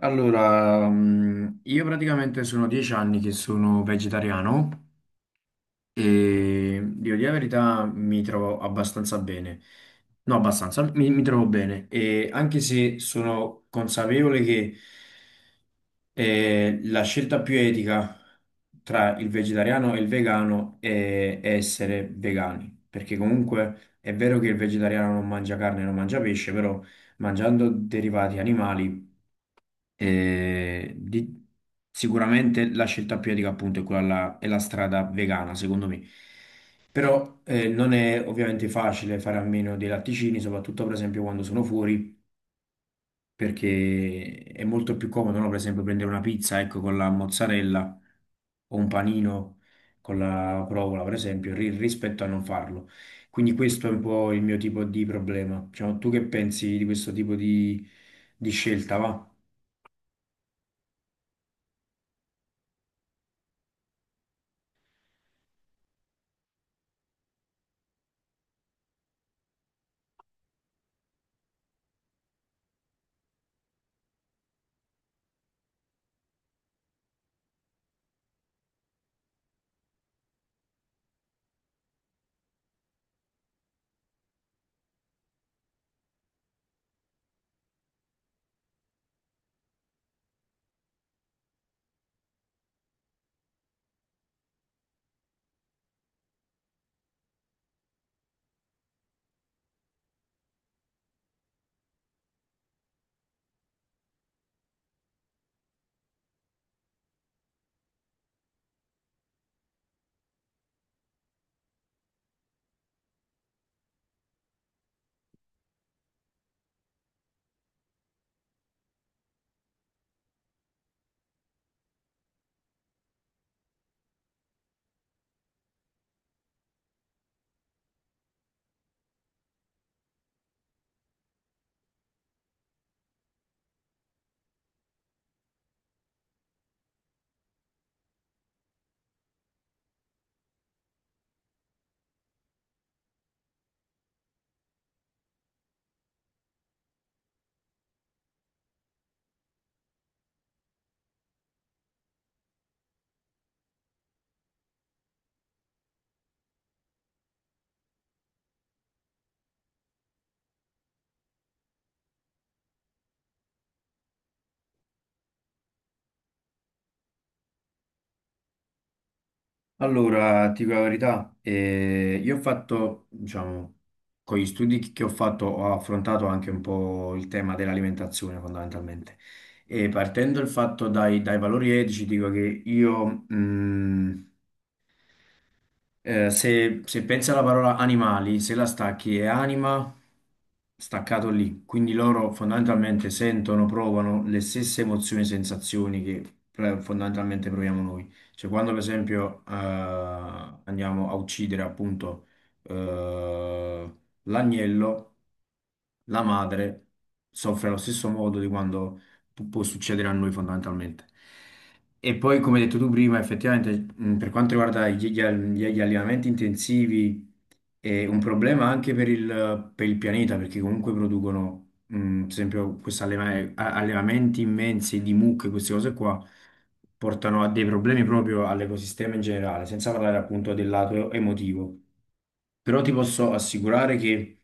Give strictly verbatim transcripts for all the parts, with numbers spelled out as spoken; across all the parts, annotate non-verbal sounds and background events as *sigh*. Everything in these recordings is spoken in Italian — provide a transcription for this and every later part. Allora, mh, io praticamente sono dieci anni che sono vegetariano e devo dire la verità mi trovo abbastanza bene. No, abbastanza, mi, mi trovo bene. E anche se sono consapevole che eh, la scelta più etica tra il vegetariano e il vegano è, è essere vegani, perché comunque è vero che il vegetariano non mangia carne, non mangia pesce, però mangiando derivati animali eh, di- sicuramente la scelta più etica appunto è quella là- è la strada vegana, secondo me. Però eh, non è ovviamente facile fare a meno dei latticini, soprattutto per esempio quando sono fuori, perché è molto più comodo, no? Per esempio prendere una pizza, ecco, con la mozzarella o un panino con la provola, per esempio, ri- rispetto a non farlo. Quindi questo è un po' il mio tipo di problema. Diciamo, tu che pensi di questo tipo di, di scelta, va? Allora, ti dico la verità, eh, io ho fatto, diciamo, con gli studi che ho fatto, ho affrontato anche un po' il tema dell'alimentazione fondamentalmente. E partendo il fatto dai, dai valori etici, dico che io, mh, eh, se, se pensi alla parola animali, se la stacchi è anima, staccato lì. Quindi loro fondamentalmente sentono, provano le stesse emozioni e sensazioni che eh, fondamentalmente proviamo noi. Cioè quando per esempio eh, andiamo a uccidere appunto eh, l'agnello, la madre soffre allo stesso modo di quando pu- può succedere a noi fondamentalmente. E poi, come hai detto tu prima, effettivamente, mh, per quanto riguarda gli, gli al- gli- gli allevamenti intensivi, è un problema anche per il, per il pianeta, perché comunque producono, mh, ad esempio, questi alleva- a- allevamenti immensi di mucche, queste cose qua, portano a dei problemi proprio all'ecosistema in generale, senza parlare appunto del lato emotivo però ti posso assicurare che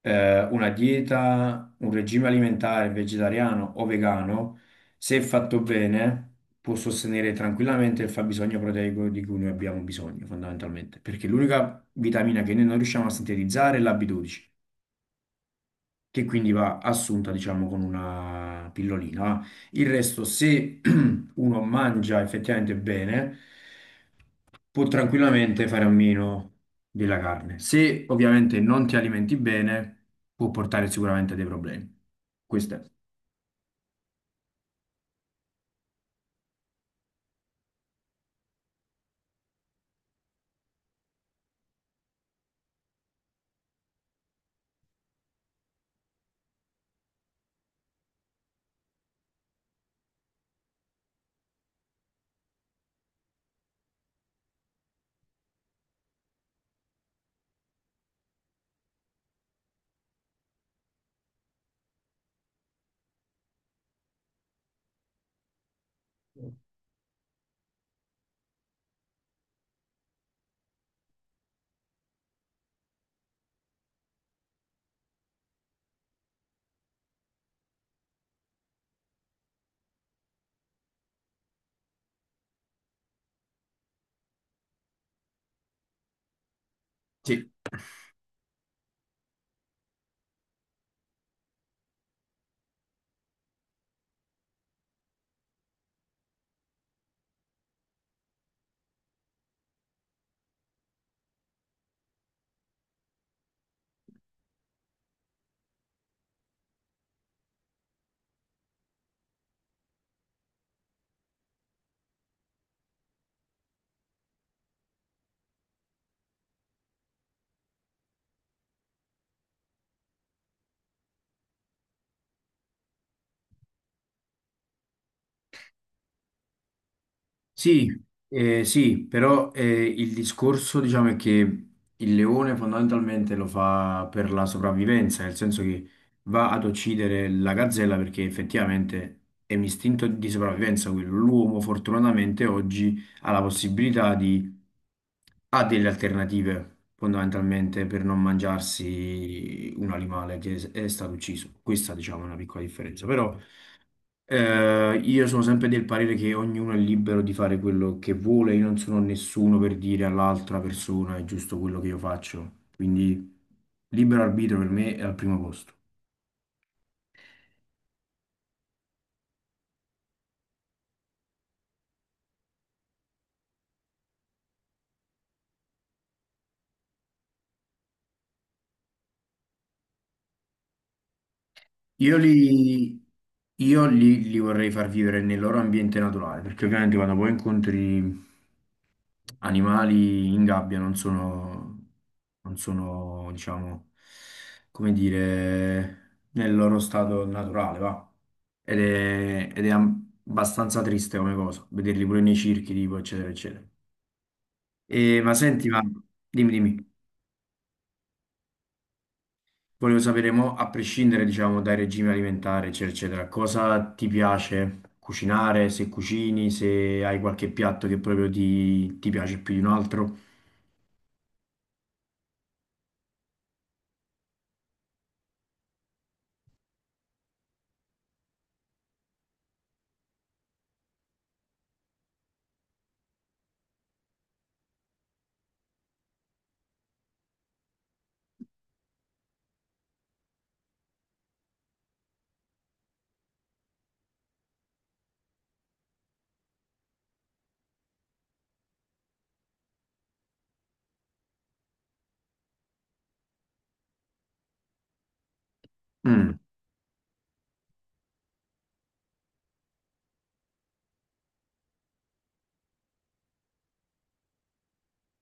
eh, una dieta, un regime alimentare vegetariano o vegano, se fatto bene, può sostenere tranquillamente il fabbisogno proteico di cui noi abbiamo bisogno, fondamentalmente, perché l'unica vitamina che noi non riusciamo a sintetizzare è la B dodici che quindi va assunta, diciamo, con una pillolina. Il resto, se *clears throat* uno mangia effettivamente bene, può tranquillamente fare a meno della carne. Se ovviamente non ti alimenti bene, può portare sicuramente a dei problemi. Questo è. Sì. Sì, eh, sì, però eh, il discorso diciamo è che il leone fondamentalmente lo fa per la sopravvivenza, nel senso che va ad uccidere la gazzella perché effettivamente è un istinto di sopravvivenza quello. L'uomo fortunatamente oggi ha la possibilità di, ha delle alternative fondamentalmente per non mangiarsi un animale che è stato ucciso. Questa diciamo è una piccola differenza, però... Eh, io sono sempre del parere che ognuno è libero di fare quello che vuole, io non sono nessuno per dire all'altra persona è giusto quello che io faccio, quindi libero arbitrio per me è al primo posto. Io li, io li, li vorrei far vivere nel loro ambiente naturale, perché ovviamente quando poi incontri animali in gabbia non sono, non sono, diciamo, come dire, nel loro stato naturale, va. Ed è, ed è am- abbastanza triste come cosa, vederli pure nei circhi, tipo, eccetera, eccetera. E, ma senti, ma dimmi, dimmi. Volevo sapere, mo, a prescindere, diciamo, dai regimi alimentari, eccetera, eccetera, cosa ti piace cucinare, se cucini, se hai qualche piatto che proprio ti, ti piace più di un altro? Mm,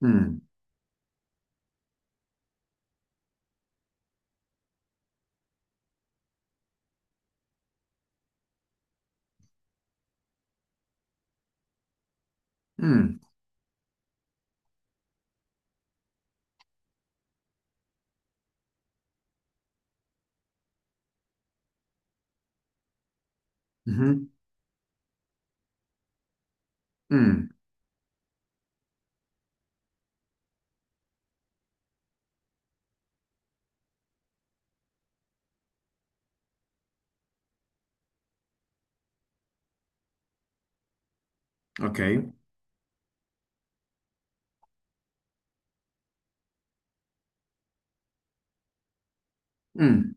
mm, mm, mhm, mm, ok. Mm,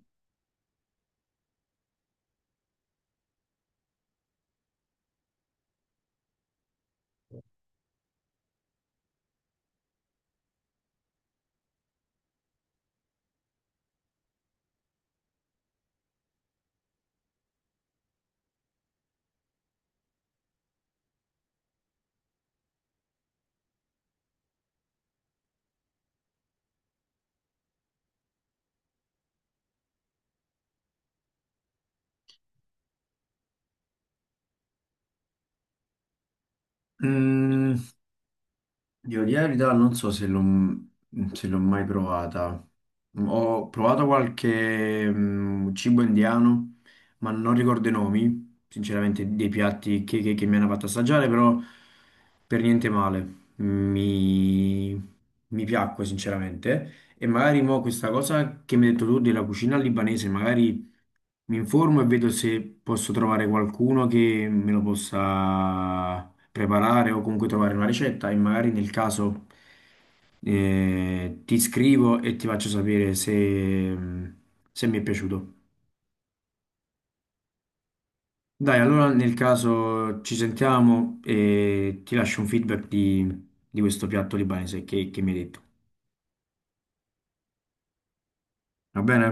mm. Devo dire la verità, non so se l'ho se l'ho mai provata. Ho provato qualche mm, cibo indiano, ma non ricordo i nomi, sinceramente, dei piatti che, che- che mi hanno fatto assaggiare, però per niente male. Mi, mi piacque, sinceramente. E magari mo questa cosa che mi hai detto tu della cucina libanese, magari mi informo e vedo se posso trovare qualcuno che me lo possa preparare o comunque trovare una ricetta e magari nel caso eh, ti scrivo e ti faccio sapere se, se mi è piaciuto. Dai, allora nel caso ci sentiamo e ti lascio un feedback di, di questo piatto libanese che, che mi hai detto. Va bene?